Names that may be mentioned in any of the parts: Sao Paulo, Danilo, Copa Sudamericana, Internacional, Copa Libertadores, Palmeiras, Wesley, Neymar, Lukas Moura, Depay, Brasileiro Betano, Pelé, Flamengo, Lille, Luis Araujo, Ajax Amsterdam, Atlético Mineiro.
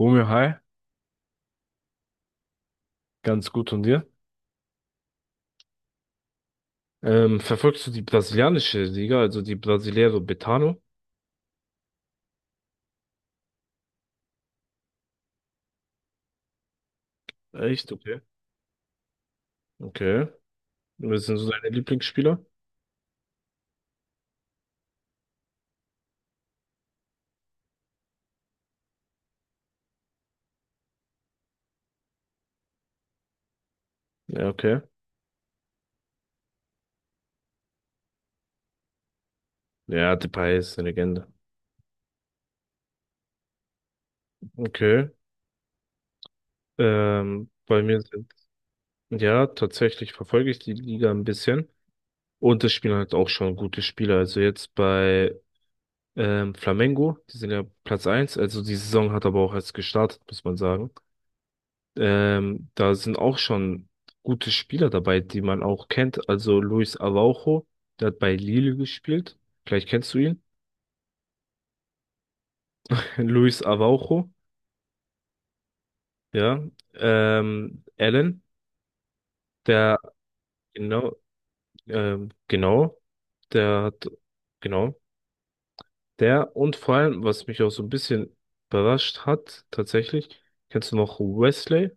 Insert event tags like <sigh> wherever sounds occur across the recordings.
Romeo, hi, ganz gut und dir? Verfolgst du die brasilianische Liga, also die Brasileiro Betano? Echt? Okay. Okay. Wer sind so deine Lieblingsspieler? Ja, okay. Ja, Depay ist eine Legende. Okay. Bei mir sind, ja, tatsächlich verfolge ich die Liga ein bisschen. Und es spielen halt auch schon gute Spieler. Also jetzt bei Flamengo, die sind ja Platz eins. Also die Saison hat aber auch erst gestartet, muss man sagen. Da sind auch schon gute Spieler dabei, die man auch kennt. Also Luis Araujo, der hat bei Lille gespielt. Vielleicht kennst du ihn. <laughs> Luis Araujo, ja. Allen, der, genau, genau, der hat, genau, der und vor allem, was mich auch so ein bisschen überrascht hat, tatsächlich, kennst du noch Wesley?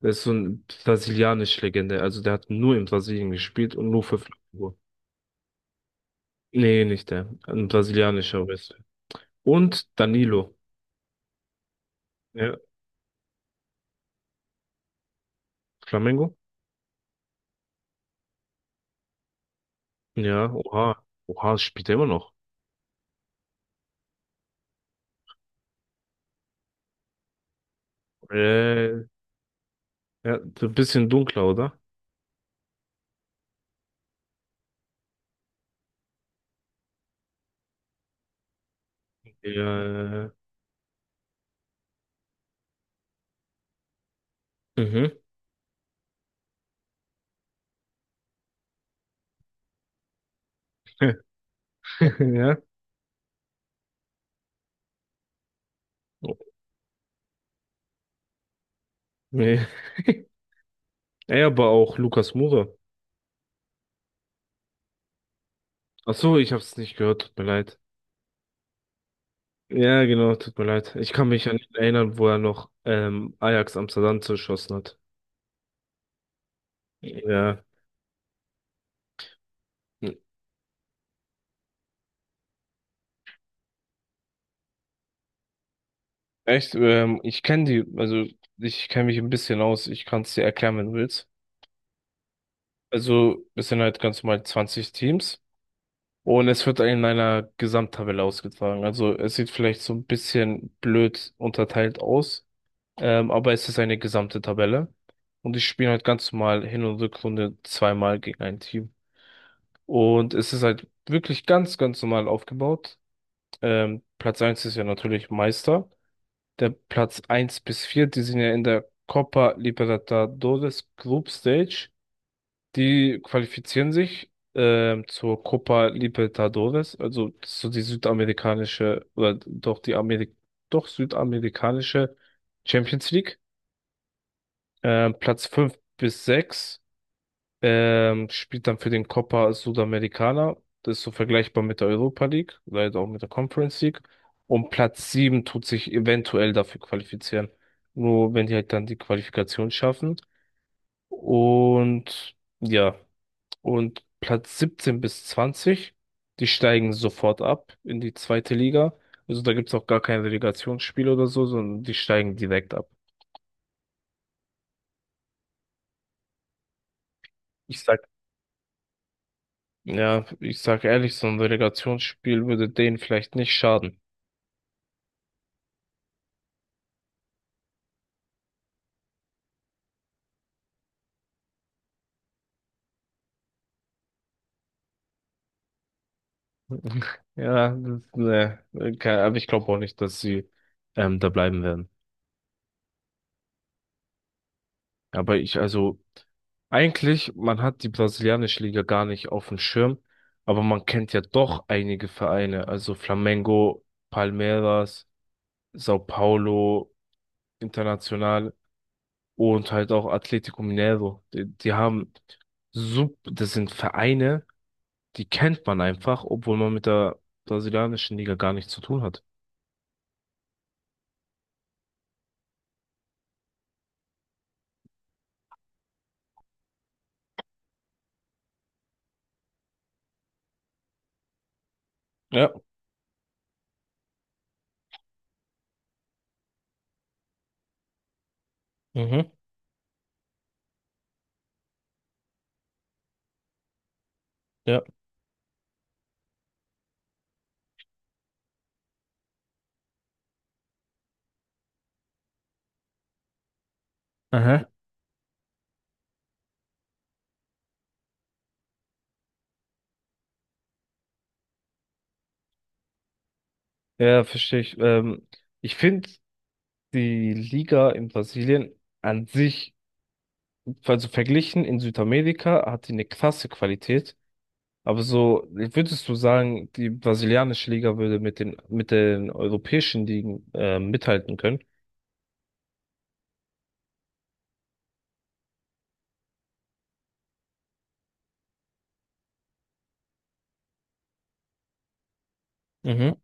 Das ist so eine brasilianische Legende. Also der hat nur in Brasilien gespielt und nur für Flamengo. Nee, nicht der. Ein brasilianischer Wrestler. Und Danilo. Ja, Flamengo? Ja, oha. Oha, spielt er immer noch. Äh, ja, so ein bisschen dunkler, oder? Ja, mhm. <laughs> Ja. Nee. <laughs> Ey, aber auch Lukas Moura. Ach so, ich hab's nicht gehört, tut mir leid. Ja, genau, tut mir leid. Ich kann mich an ihn erinnern, wo er noch Ajax Amsterdam zerschossen hat. Ja. Echt? Ich kenne die, also ich kenne mich ein bisschen aus. Ich kann es dir erklären, wenn du willst. Also es sind halt ganz normal 20 Teams und es wird in einer Gesamttabelle ausgetragen. Also es sieht vielleicht so ein bisschen blöd unterteilt aus, aber es ist eine gesamte Tabelle. Und ich spiele halt ganz normal Hin- und Rückrunde zweimal gegen ein Team. Und es ist halt wirklich ganz, ganz normal aufgebaut. Platz eins ist ja natürlich Meister. Der Platz eins bis 4, die sind ja in der Copa Libertadores Group Stage. Die qualifizieren sich zur Copa Libertadores, also so die südamerikanische oder doch die Amerik doch südamerikanische Champions League. Platz 5 bis 6 spielt dann für den Copa Sudamericana. Das ist so vergleichbar mit der Europa League, leider auch mit der Conference League. Und Platz 7 tut sich eventuell dafür qualifizieren. Nur wenn die halt dann die Qualifikation schaffen. Und ja. Und Platz 17 bis 20, die steigen sofort ab in die zweite Liga. Also da gibt's auch gar kein Relegationsspiel oder so, sondern die steigen direkt ab. Ich sag, ja, ich sag ehrlich, so ein Relegationsspiel würde denen vielleicht nicht schaden. <laughs> Ja, das, ne, aber ich glaube auch nicht, dass sie da bleiben werden. Aber ich, also, eigentlich, man hat die brasilianische Liga gar nicht auf dem Schirm, aber man kennt ja doch einige Vereine, also Flamengo, Palmeiras, Sao Paulo, International und halt auch Atlético Mineiro. Die haben das sind Vereine, die kennt man einfach, obwohl man mit der brasilianischen Liga gar nichts zu tun hat. Ja, mhm, ja. Aha. Ja, verstehe ich. Ich finde die Liga in Brasilien an sich, also verglichen in Südamerika, hat die eine krasse Qualität. Aber so, würdest du sagen, die brasilianische Liga würde mit den europäischen Ligen mithalten können? Mhm.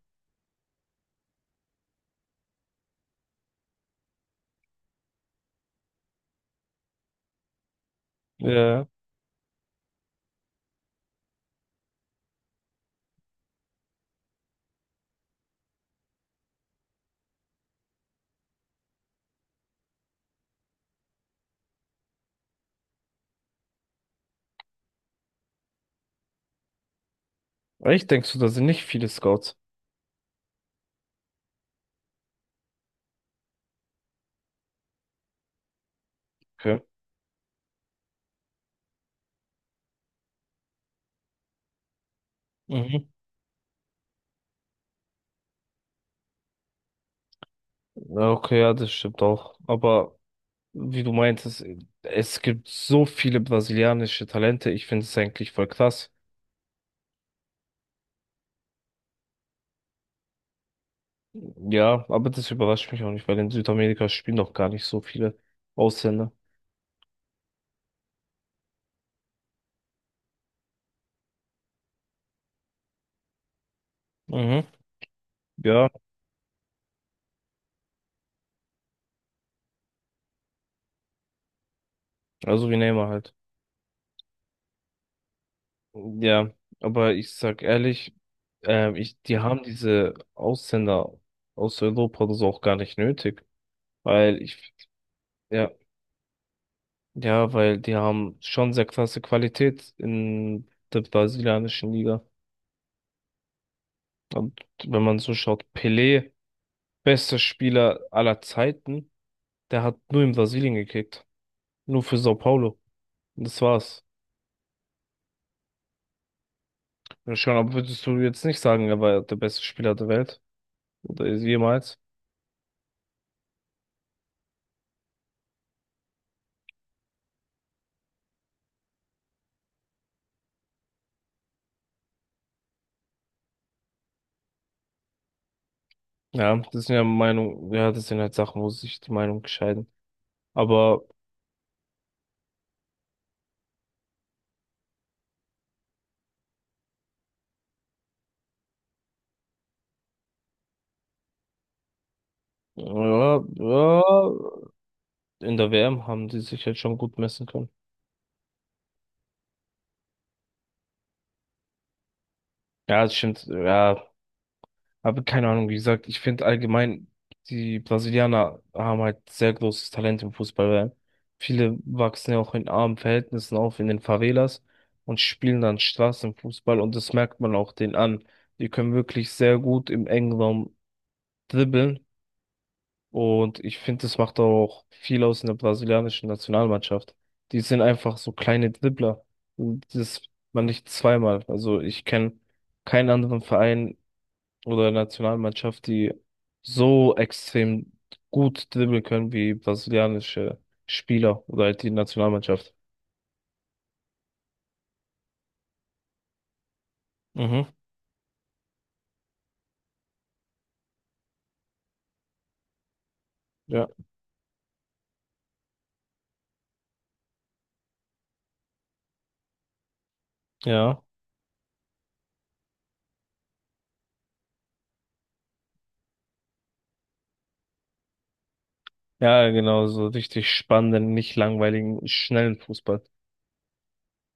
Ja. Echt, denkst du, da sind nicht viele Scouts? Okay. Mhm. Ja, okay, ja, das stimmt auch. Aber wie du meintest, es gibt so viele brasilianische Talente. Ich finde es eigentlich voll krass. Ja, aber das überrascht mich auch nicht, weil in Südamerika spielen doch gar nicht so viele Ausländer. Mhm. Ja, also wie Neymar halt. Ja, aber ich sag ehrlich, ich, die haben diese Ausländer aus Europa oder so auch gar nicht nötig, weil ich, ja, ja, weil die haben schon sehr krasse Qualität in der brasilianischen Liga. Und wenn man so schaut, Pelé, bester Spieler aller Zeiten, der hat nur in Brasilien gekickt, nur für Sao Paulo. Und das war's. Ja, schon, aber würdest du jetzt nicht sagen, er war der beste Spieler der Welt oder ist jemals? Ja, das sind ja Meinung, ja, das sind halt Sachen, wo sich die Meinung scheiden. Aber ja, ja, in der WM haben die sich halt schon gut messen können. Ja, das stimmt, ja, aber keine Ahnung, wie gesagt, ich finde allgemein, die Brasilianer haben halt sehr großes Talent im Fußball, weil viele wachsen ja auch in armen Verhältnissen auf, in den Favelas und spielen dann Straßenfußball und das merkt man auch denen an. Die können wirklich sehr gut im engen Raum dribbeln. Und ich finde, das macht auch viel aus in der brasilianischen Nationalmannschaft. Die sind einfach so kleine Dribbler. Und das man nicht zweimal. Also ich kenne keinen anderen Verein oder Nationalmannschaft, die so extrem gut dribbeln können wie brasilianische Spieler oder halt die Nationalmannschaft. Mhm. Ja. Ja. Ja, genau, so richtig spannenden, nicht langweiligen, schnellen Fußball.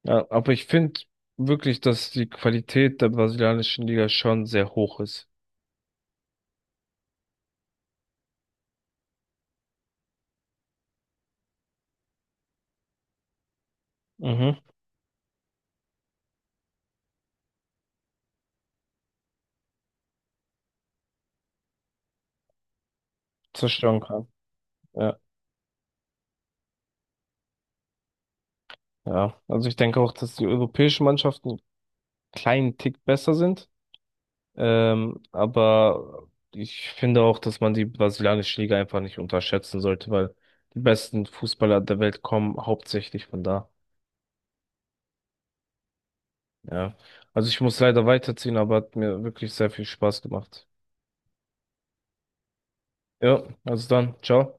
Ja, aber ich finde wirklich, dass die Qualität der brasilianischen Liga schon sehr hoch ist. Mhm. Zerstören kann. Ja, ja. Also ich denke auch, dass die europäischen Mannschaften einen kleinen Tick besser sind. Aber ich finde auch, dass man die brasilianische Liga einfach nicht unterschätzen sollte, weil die besten Fußballer der Welt kommen hauptsächlich von da. Ja. Also ich muss leider weiterziehen, aber hat mir wirklich sehr viel Spaß gemacht. Ja, also dann, ciao.